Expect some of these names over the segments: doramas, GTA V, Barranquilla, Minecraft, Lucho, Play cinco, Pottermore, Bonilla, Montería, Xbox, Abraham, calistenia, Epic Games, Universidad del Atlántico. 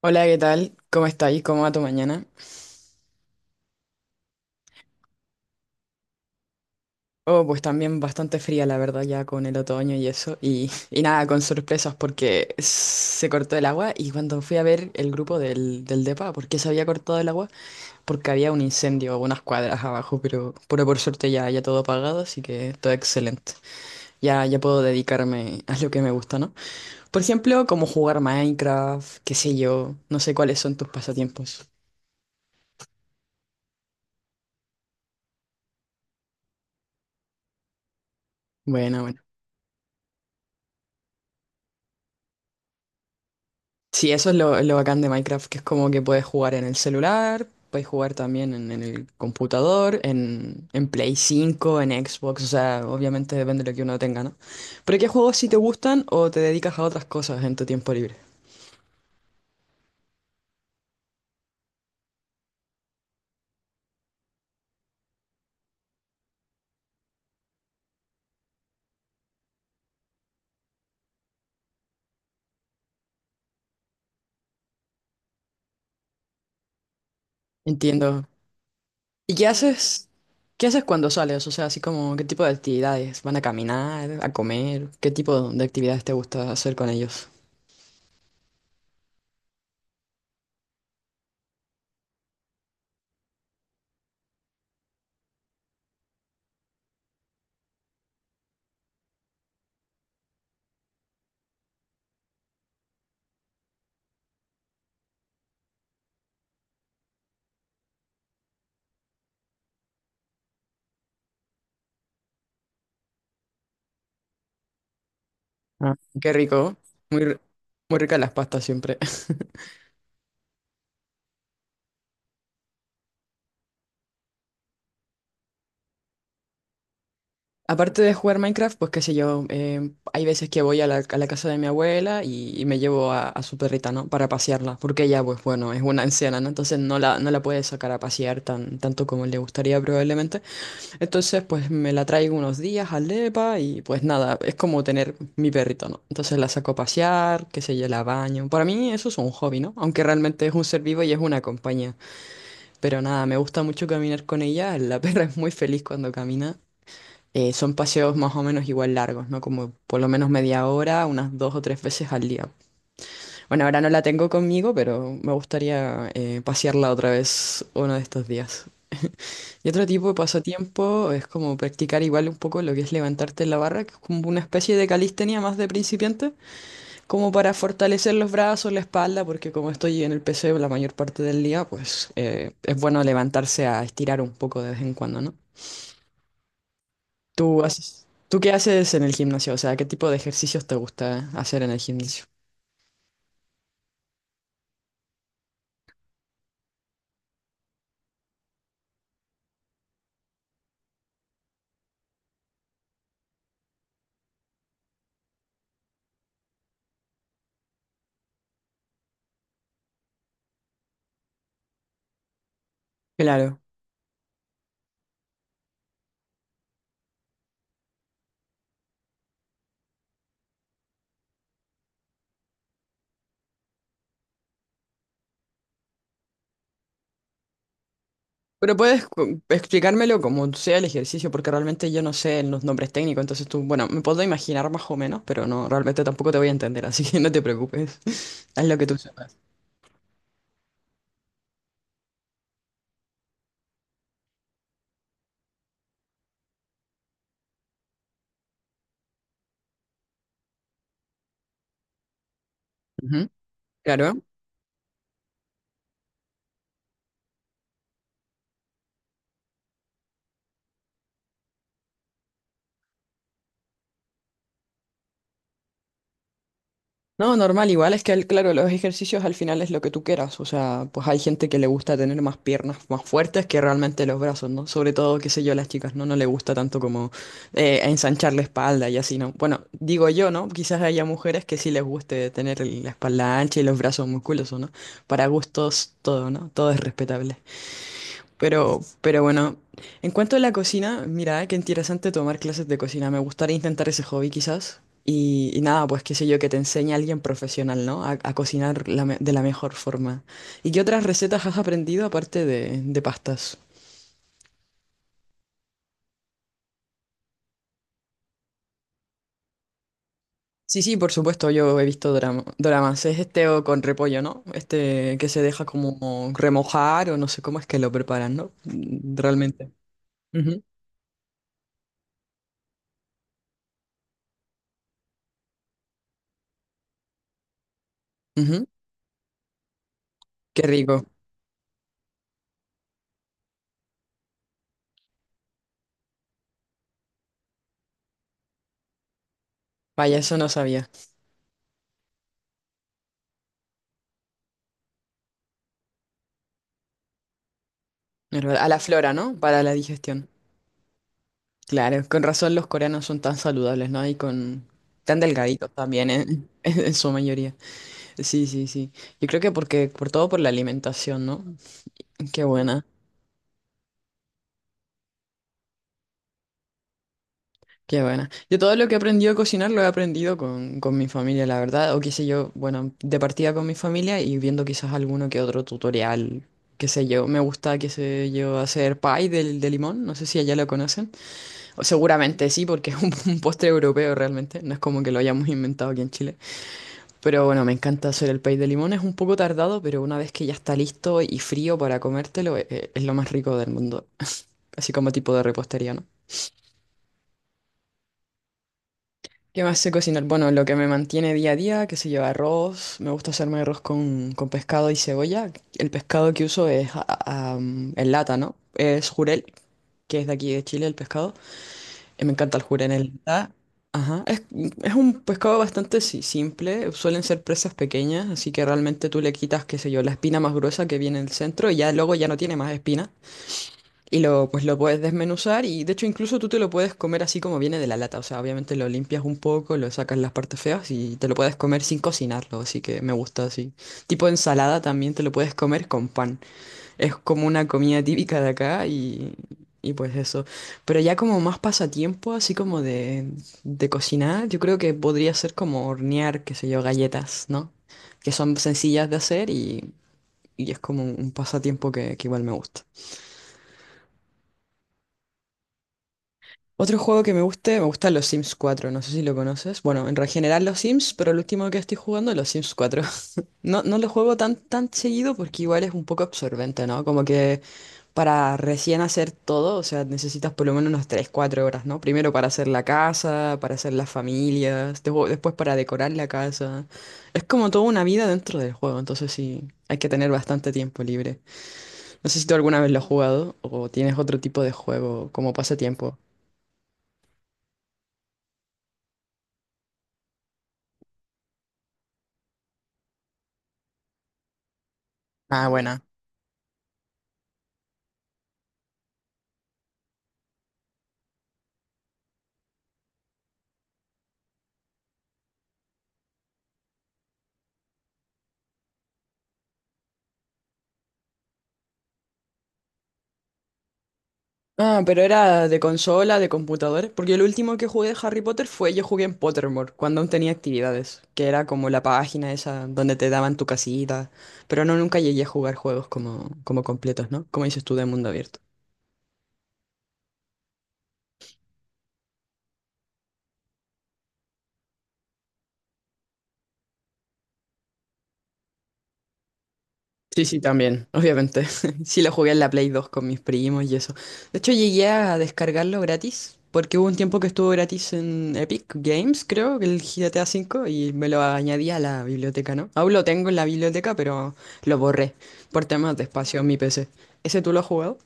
Hola, ¿qué tal? ¿Cómo estáis? ¿Cómo va tu mañana? Oh, pues también bastante fría, la verdad, ya con el otoño y eso. Y nada, con sorpresas porque se cortó el agua y cuando fui a ver el grupo del DEPA, ¿por qué se había cortado el agua? Porque había un incendio a unas cuadras abajo, pero por suerte ya todo apagado, así que todo excelente. Ya puedo dedicarme a lo que me gusta, ¿no? Por ejemplo, como jugar Minecraft, qué sé yo, no sé cuáles son tus pasatiempos. Bueno, bueno. Sí, eso es lo bacán de Minecraft, que es como que puedes jugar en el celular, puedes jugar también en el computador, en Play 5, en Xbox, o sea, obviamente depende de lo que uno tenga, ¿no? Pero ¿qué juegos sí te gustan o te dedicas a otras cosas en tu tiempo libre? Entiendo. ¿Y qué haces? ¿Qué haces cuando sales? O sea, así como, ¿qué tipo de actividades? ¿Van a caminar, a comer? ¿Qué tipo de actividades te gusta hacer con ellos? Ah, qué rico. Muy, r- muy ricas las pastas siempre. Aparte de jugar Minecraft, pues qué sé yo, hay veces que voy a la casa de mi abuela y, y me llevo a su perrita, ¿no? Para pasearla, porque ella, pues bueno, es una anciana, ¿no? Entonces no la puede sacar a pasear tan, tanto como le gustaría probablemente. Entonces, pues me la traigo unos días al depa y pues nada, es como tener mi perrito, ¿no? Entonces la saco a pasear, qué sé yo, la baño. Para mí eso es un hobby, ¿no? Aunque realmente es un ser vivo y es una compañía. Pero nada, me gusta mucho caminar con ella, la perra es muy feliz cuando camina. Son paseos más o menos igual largos, ¿no? Como por lo menos media hora, unas dos o tres veces al día. Bueno, ahora no la tengo conmigo, pero me gustaría pasearla otra vez uno de estos días. Y otro tipo de pasatiempo es como practicar igual un poco lo que es levantarte en la barra, que es como una especie de calistenia más de principiante, como para fortalecer los brazos, la espalda, porque como estoy en el PC la mayor parte del día, pues es bueno levantarse a estirar un poco de vez en cuando, ¿no? ¿Tú qué haces en el gimnasio? O sea, ¿qué tipo de ejercicios te gusta hacer en el gimnasio? Claro. Pero puedes explicármelo como sea el ejercicio, porque realmente yo no sé los nombres técnicos, entonces tú, bueno, me puedo imaginar más o menos, pero no, realmente tampoco te voy a entender, así que no te preocupes. Haz lo que tú sepas. Ujú. Claro. No, normal, igual es que, claro, los ejercicios al final es lo que tú quieras, o sea, pues hay gente que le gusta tener más piernas más fuertes que realmente los brazos, ¿no? Sobre todo, qué sé yo, las chicas, ¿no? No le gusta tanto como ensanchar la espalda y así, ¿no? Bueno, digo yo, ¿no? Quizás haya mujeres que sí les guste tener la espalda ancha y los brazos musculosos, ¿no? Para gustos, todo, ¿no? Todo es respetable. Pero bueno, en cuanto a la cocina, mira, qué interesante tomar clases de cocina. Me gustaría intentar ese hobby quizás. Y nada, pues qué sé yo, que te enseñe a alguien profesional, ¿no? A cocinar de la mejor forma. ¿Y qué otras recetas has aprendido aparte de pastas? Sí, sí, por supuesto, yo he visto doramas. Es este o con repollo, ¿no? Este que se deja como remojar o no sé cómo es que lo preparan, ¿no? Realmente. Ujú, ujú. Qué rico. Vaya, eso no sabía. Es verdad. A la flora, ¿no? Para la digestión. Claro, con razón los coreanos son tan saludables, ¿no? Y con tan delgaditos también, ¿eh? En su mayoría. Sí, sí, sí. Yo creo que porque, por todo por la alimentación, ¿no? Qué buena, qué buena. Yo todo lo que he aprendido a cocinar lo he aprendido con mi familia, la verdad. O qué sé yo, bueno, de partida con mi familia y viendo quizás alguno que otro tutorial, qué sé yo. Me gusta, qué sé yo, hacer pie del de limón. No sé si allá lo conocen. O seguramente sí, porque es un postre europeo realmente. No es como que lo hayamos inventado aquí en Chile. Pero bueno, me encanta hacer el pay de limón. Es un poco tardado, pero una vez que ya está listo y frío para comértelo, es lo más rico del mundo. Así como tipo de repostería, ¿no? ¿Qué más sé cocinar? Bueno, lo que me mantiene día a día, que se lleva arroz. Me gusta hacerme arroz con pescado y cebolla. El pescado que uso es en lata, ¿no? Es jurel, que es de aquí de Chile el pescado. Me encanta el jurel. Ajá. Es un pescado bastante simple. Suelen ser presas pequeñas, así que realmente tú le quitas, qué sé yo, la espina más gruesa que viene en el centro y ya luego ya no tiene más espina. Y lo, pues lo puedes desmenuzar y de hecho incluso tú te lo puedes comer así como viene de la lata. O sea, obviamente lo limpias un poco, lo sacas las partes feas y te lo puedes comer sin cocinarlo. Así que me gusta así. Tipo ensalada también te lo puedes comer con pan. Es como una comida típica de acá y pues eso. Pero ya como más pasatiempo, así como de cocinar, yo creo que podría ser como hornear, qué sé yo, galletas, ¿no? Que son sencillas de hacer y es como un pasatiempo que igual me gusta. Otro juego que me guste, me gustan los Sims 4, no sé si lo conoces. Bueno, en general los Sims, pero el último que estoy jugando es los Sims 4. No, no lo juego tan, tan seguido porque igual es un poco absorbente, ¿no? Como que para recién hacer todo, o sea, necesitas por lo menos unas tres cuatro horas, ¿no? Primero para hacer la casa, para hacer las familias, después para decorar la casa. Es como toda una vida dentro del juego, entonces sí, hay que tener bastante tiempo libre. No sé si tú alguna vez lo has jugado o tienes otro tipo de juego como pasatiempo. Ah, bueno. Ah, pero era de consola, de computador. Porque el último que jugué de Harry Potter fue yo jugué en Pottermore, cuando aún tenía actividades, que era como la página esa donde te daban tu casita. Pero no, nunca llegué a jugar juegos como completos, ¿no? Como dices tú, de mundo abierto. Sí, sí, también, obviamente. Sí, lo jugué en la Play 2 con mis primos y eso. De hecho, llegué a descargarlo gratis, porque hubo un tiempo que estuvo gratis en Epic Games, creo, el GTA V, y me lo añadí a la biblioteca, ¿no? Aún lo tengo en la biblioteca, pero lo borré por temas de espacio en mi PC. ¿Ese tú lo has jugado?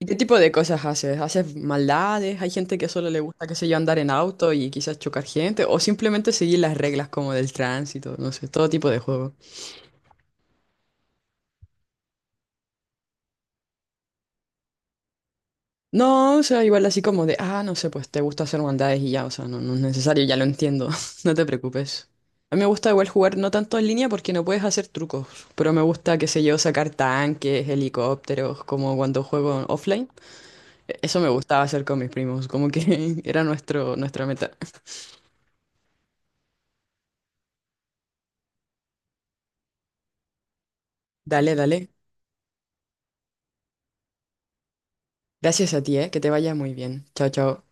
¿Y qué tipo de cosas haces? ¿Haces maldades? ¿Hay gente que solo le gusta, qué sé yo, andar en auto y quizás chocar gente? ¿O simplemente seguir las reglas como del tránsito? No sé, todo tipo de juego. No, o sea, igual así como de, no sé, pues te gusta hacer maldades y ya, o sea, no, no es necesario, ya lo entiendo, no te preocupes. A mí me gusta igual jugar no tanto en línea porque no puedes hacer trucos, pero me gusta, qué sé yo, sacar tanques, helicópteros, como cuando juego offline. Eso me gustaba hacer con mis primos, como que era nuestro, nuestra meta. Dale, dale. Gracias a ti, que te vaya muy bien. Chao, chao.